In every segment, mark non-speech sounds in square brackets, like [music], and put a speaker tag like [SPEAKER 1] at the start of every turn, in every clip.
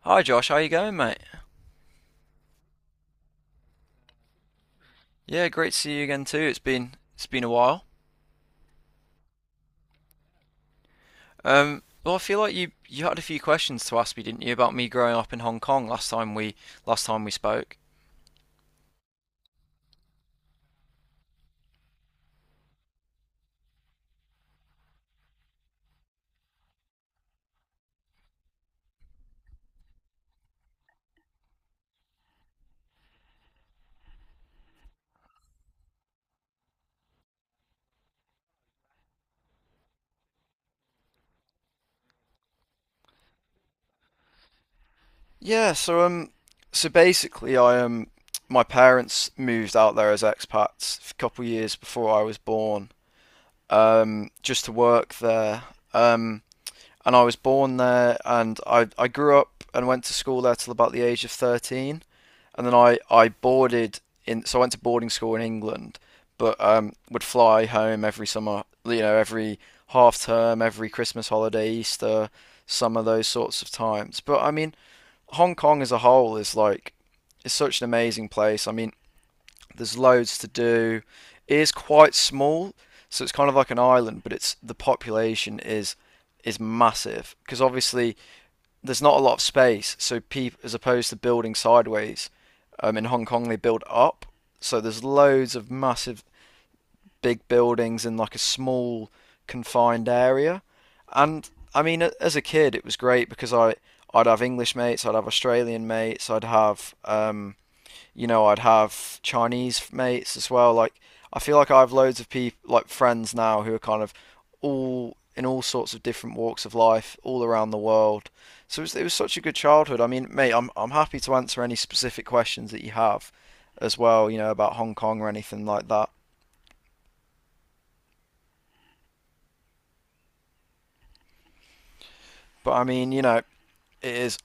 [SPEAKER 1] Hi Josh, how you going, mate? Yeah, great to see you again too. It's been a while. Well, I feel like you had a few questions to ask me, didn't you, about me growing up in Hong Kong last time we spoke? Yeah, so so basically, I my parents moved out there as expats a couple of years before I was born, just to work there. Um, and I was born there, and I grew up and went to school there till about the age of 13, and then I boarded in. So I went to boarding school in England, but would fly home every summer, you know, every half term, every Christmas holiday, Easter, summer, those sorts of times. But I mean, Hong Kong as a whole is like, it's such an amazing place. I mean, there's loads to do. It is quite small, so it's kind of like an island, but it's the population is massive because obviously there's not a lot of space. So people, as opposed to building sideways, in Hong Kong they build up. So there's loads of massive big buildings in like a small confined area. And I mean, as a kid, it was great because I I'd have English mates, I'd have Australian mates, I'd have Chinese mates as well. Like, I feel like I have loads of people, like friends now, who are kind of all in all sorts of different walks of life, all around the world. So it was such a good childhood. I mean, mate, I'm happy to answer any specific questions that you have, as well. You know, about Hong Kong or anything like that. But I mean, you know, it is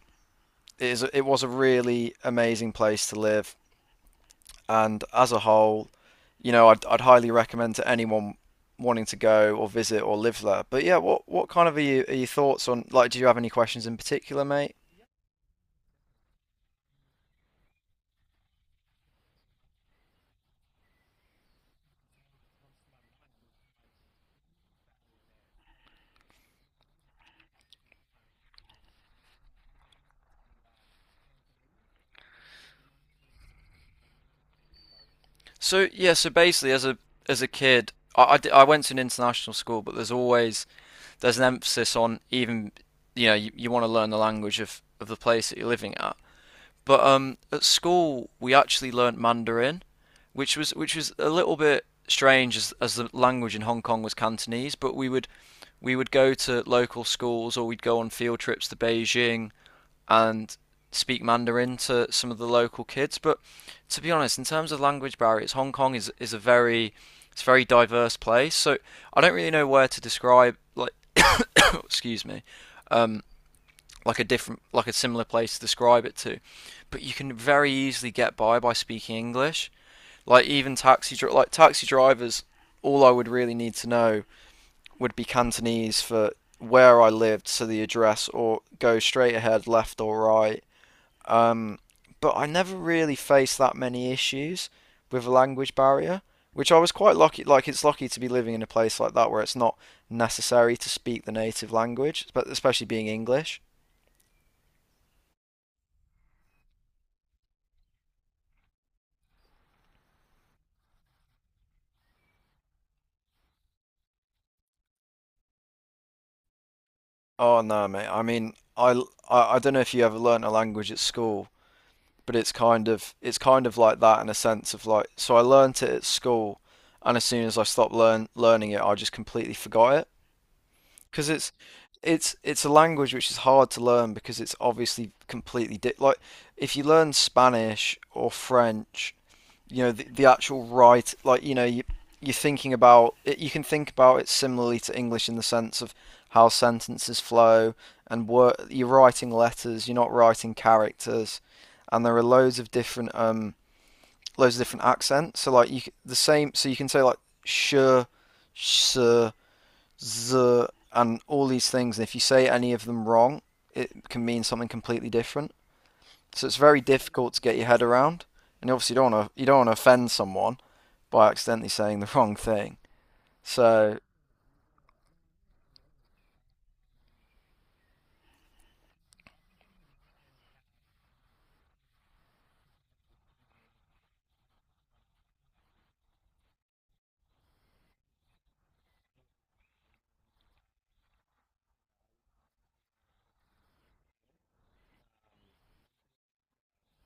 [SPEAKER 1] it is, it was a really amazing place to live, and as a whole, you know, I'd highly recommend to anyone wanting to go or visit or live there. But yeah, what kind of are your thoughts on? Like, do you have any questions in particular, mate? So basically, as a kid, I went to an international school, but there's an emphasis on even you know you want to learn the language of the place that you're living at. But at school, we actually learnt Mandarin, which was a little bit strange as the language in Hong Kong was Cantonese. But we would go to local schools or we'd go on field trips to Beijing and speak Mandarin to some of the local kids. But to be honest, in terms of language barriers, Hong Kong is a very it's a very diverse place. So I don't really know where to describe like [coughs] excuse me like a different, like a similar place to describe it to. But you can very easily get by speaking English. Like even taxi, like taxi drivers, all I would really need to know would be Cantonese for where I lived, so the address, or go straight ahead, left or right. Um, but I never really faced that many issues with a language barrier, which I was quite lucky. Like it's lucky to be living in a place like that where it's not necessary to speak the native language, but especially being English. Oh no, mate. I mean, I don't know if you ever learnt a language at school, but it's kind of like that in a sense of like so I learnt it at school, and as soon as I stopped learning it, I just completely forgot it because it's a language which is hard to learn because it's obviously completely di like if you learn Spanish or French, you know the actual right, like you know you're thinking about it, you can think about it similarly to English in the sense of how sentences flow and you're writing letters, you're not writing characters, and there are loads of different accents. So like you the same, so you can say like sh, sh, z and all these things, and if you say any of them wrong, it can mean something completely different. So it's very difficult to get your head around, and obviously you don't want to offend someone by accidentally saying the wrong thing. So,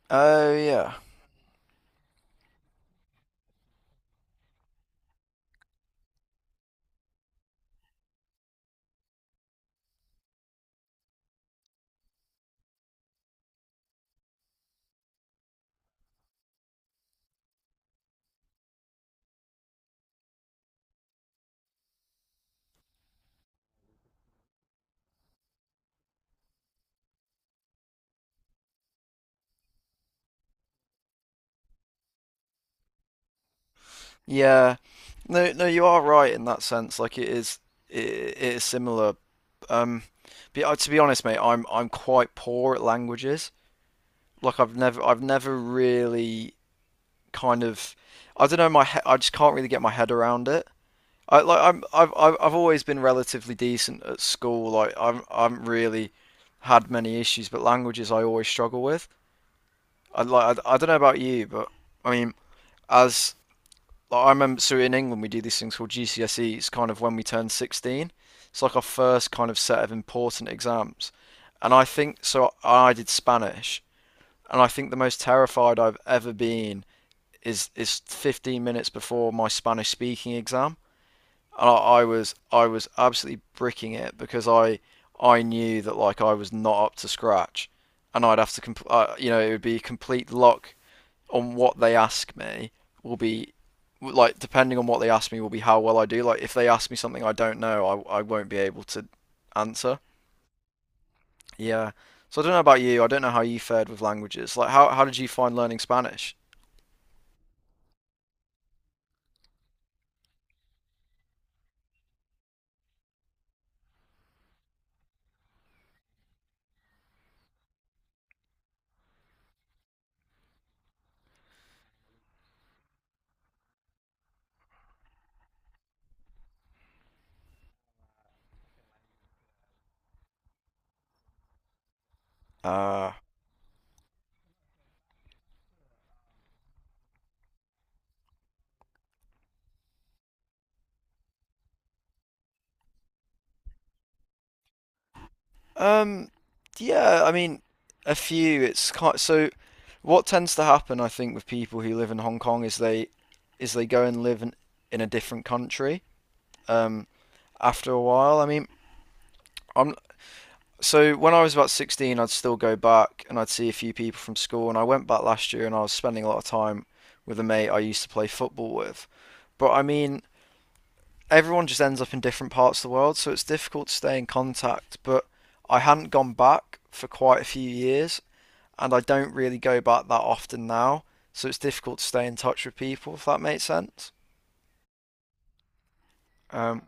[SPEAKER 1] oh yeah, yeah. No, no, you are right in that sense. Like it is similar. Um, but To be honest, mate, I'm quite poor at languages. Like I've never really kind of I don't know I just can't really get my head around it. I'm I've always been relatively decent at school. Like I haven't really had many issues, but languages I always struggle with. I don't know about you, but I mean as like, I remember, so in England we do these things called GCSEs, kind of when we turn 16. It's like our first kind of set of important exams, and I think so. I did Spanish, and I think the most terrified I've ever been is 15 minutes before my Spanish speaking exam. And I was absolutely bricking it because I knew that like I was not up to scratch, and I'd have to you know, it would be complete luck on what they ask me will be like, depending on what they ask me will be how well I do. Like if they ask me something I don't know, I won't be able to answer. Yeah. So I don't know about you. I don't know how you fared with languages. Like how did you find learning Spanish? Uh, um, yeah, I mean, a few. It's kind. So. What tends to happen, I think, with people who live in Hong Kong is they go and live in a different country um, after a while. I mean, I'm So when I was about 16, I'd still go back and I'd see a few people from school. And I went back last year and I was spending a lot of time with a mate I used to play football with. But I mean, everyone just ends up in different parts of the world, so it's difficult to stay in contact. But I hadn't gone back for quite a few years and I don't really go back that often now. So it's difficult to stay in touch with people, if that makes sense. Um,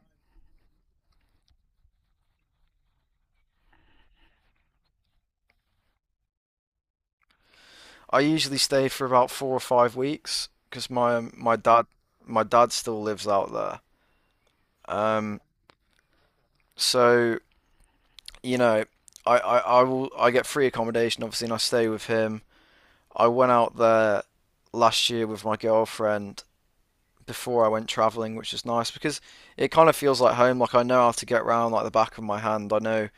[SPEAKER 1] I usually stay for about 4 or 5 weeks because my my dad still lives out there. Um, So you know, I get free accommodation obviously, and I stay with him. I went out there last year with my girlfriend before I went traveling, which is nice because it kind of feels like home. Like I know how to get around like the back of my hand. I know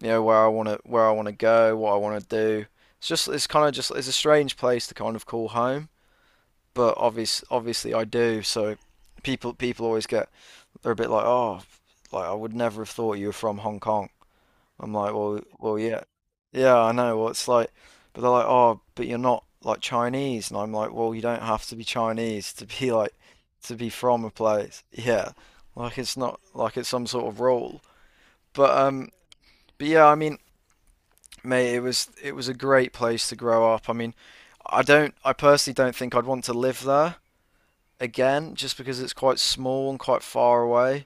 [SPEAKER 1] you know where I want to go, what I want to do. It's a strange place to kind of call home, but obviously I do. So people always get, they're a bit like, oh, like I would never have thought you were from Hong Kong. I'm like, well, yeah, yeah, I know. Well, it's like, but they're like, oh, but you're not like Chinese, and I'm like, well, you don't have to be Chinese to be like, to be from a place. Yeah, like it's not like it's some sort of rule. But um, but yeah, I mean, mate, it was a great place to grow up. I mean, I don't, I personally don't think I'd want to live there again, just because it's quite small and quite far away,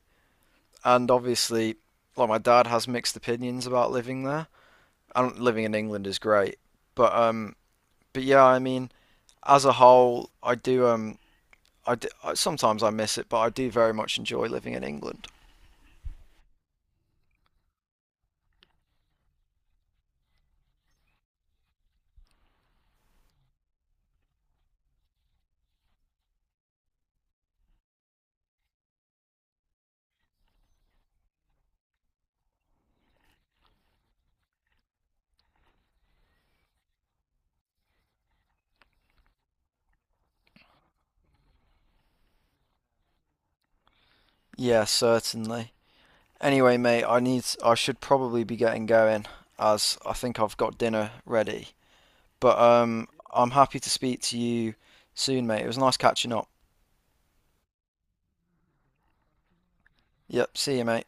[SPEAKER 1] and obviously, like my dad has mixed opinions about living there. I do. Living in England is great, but um, but yeah, I mean, as a whole, I do, sometimes I miss it, but I do very much enjoy living in England. Yeah, certainly. Anyway, mate, I should probably be getting going as I think I've got dinner ready. But I'm happy to speak to you soon, mate. It was nice catching up. Yep, see you, mate.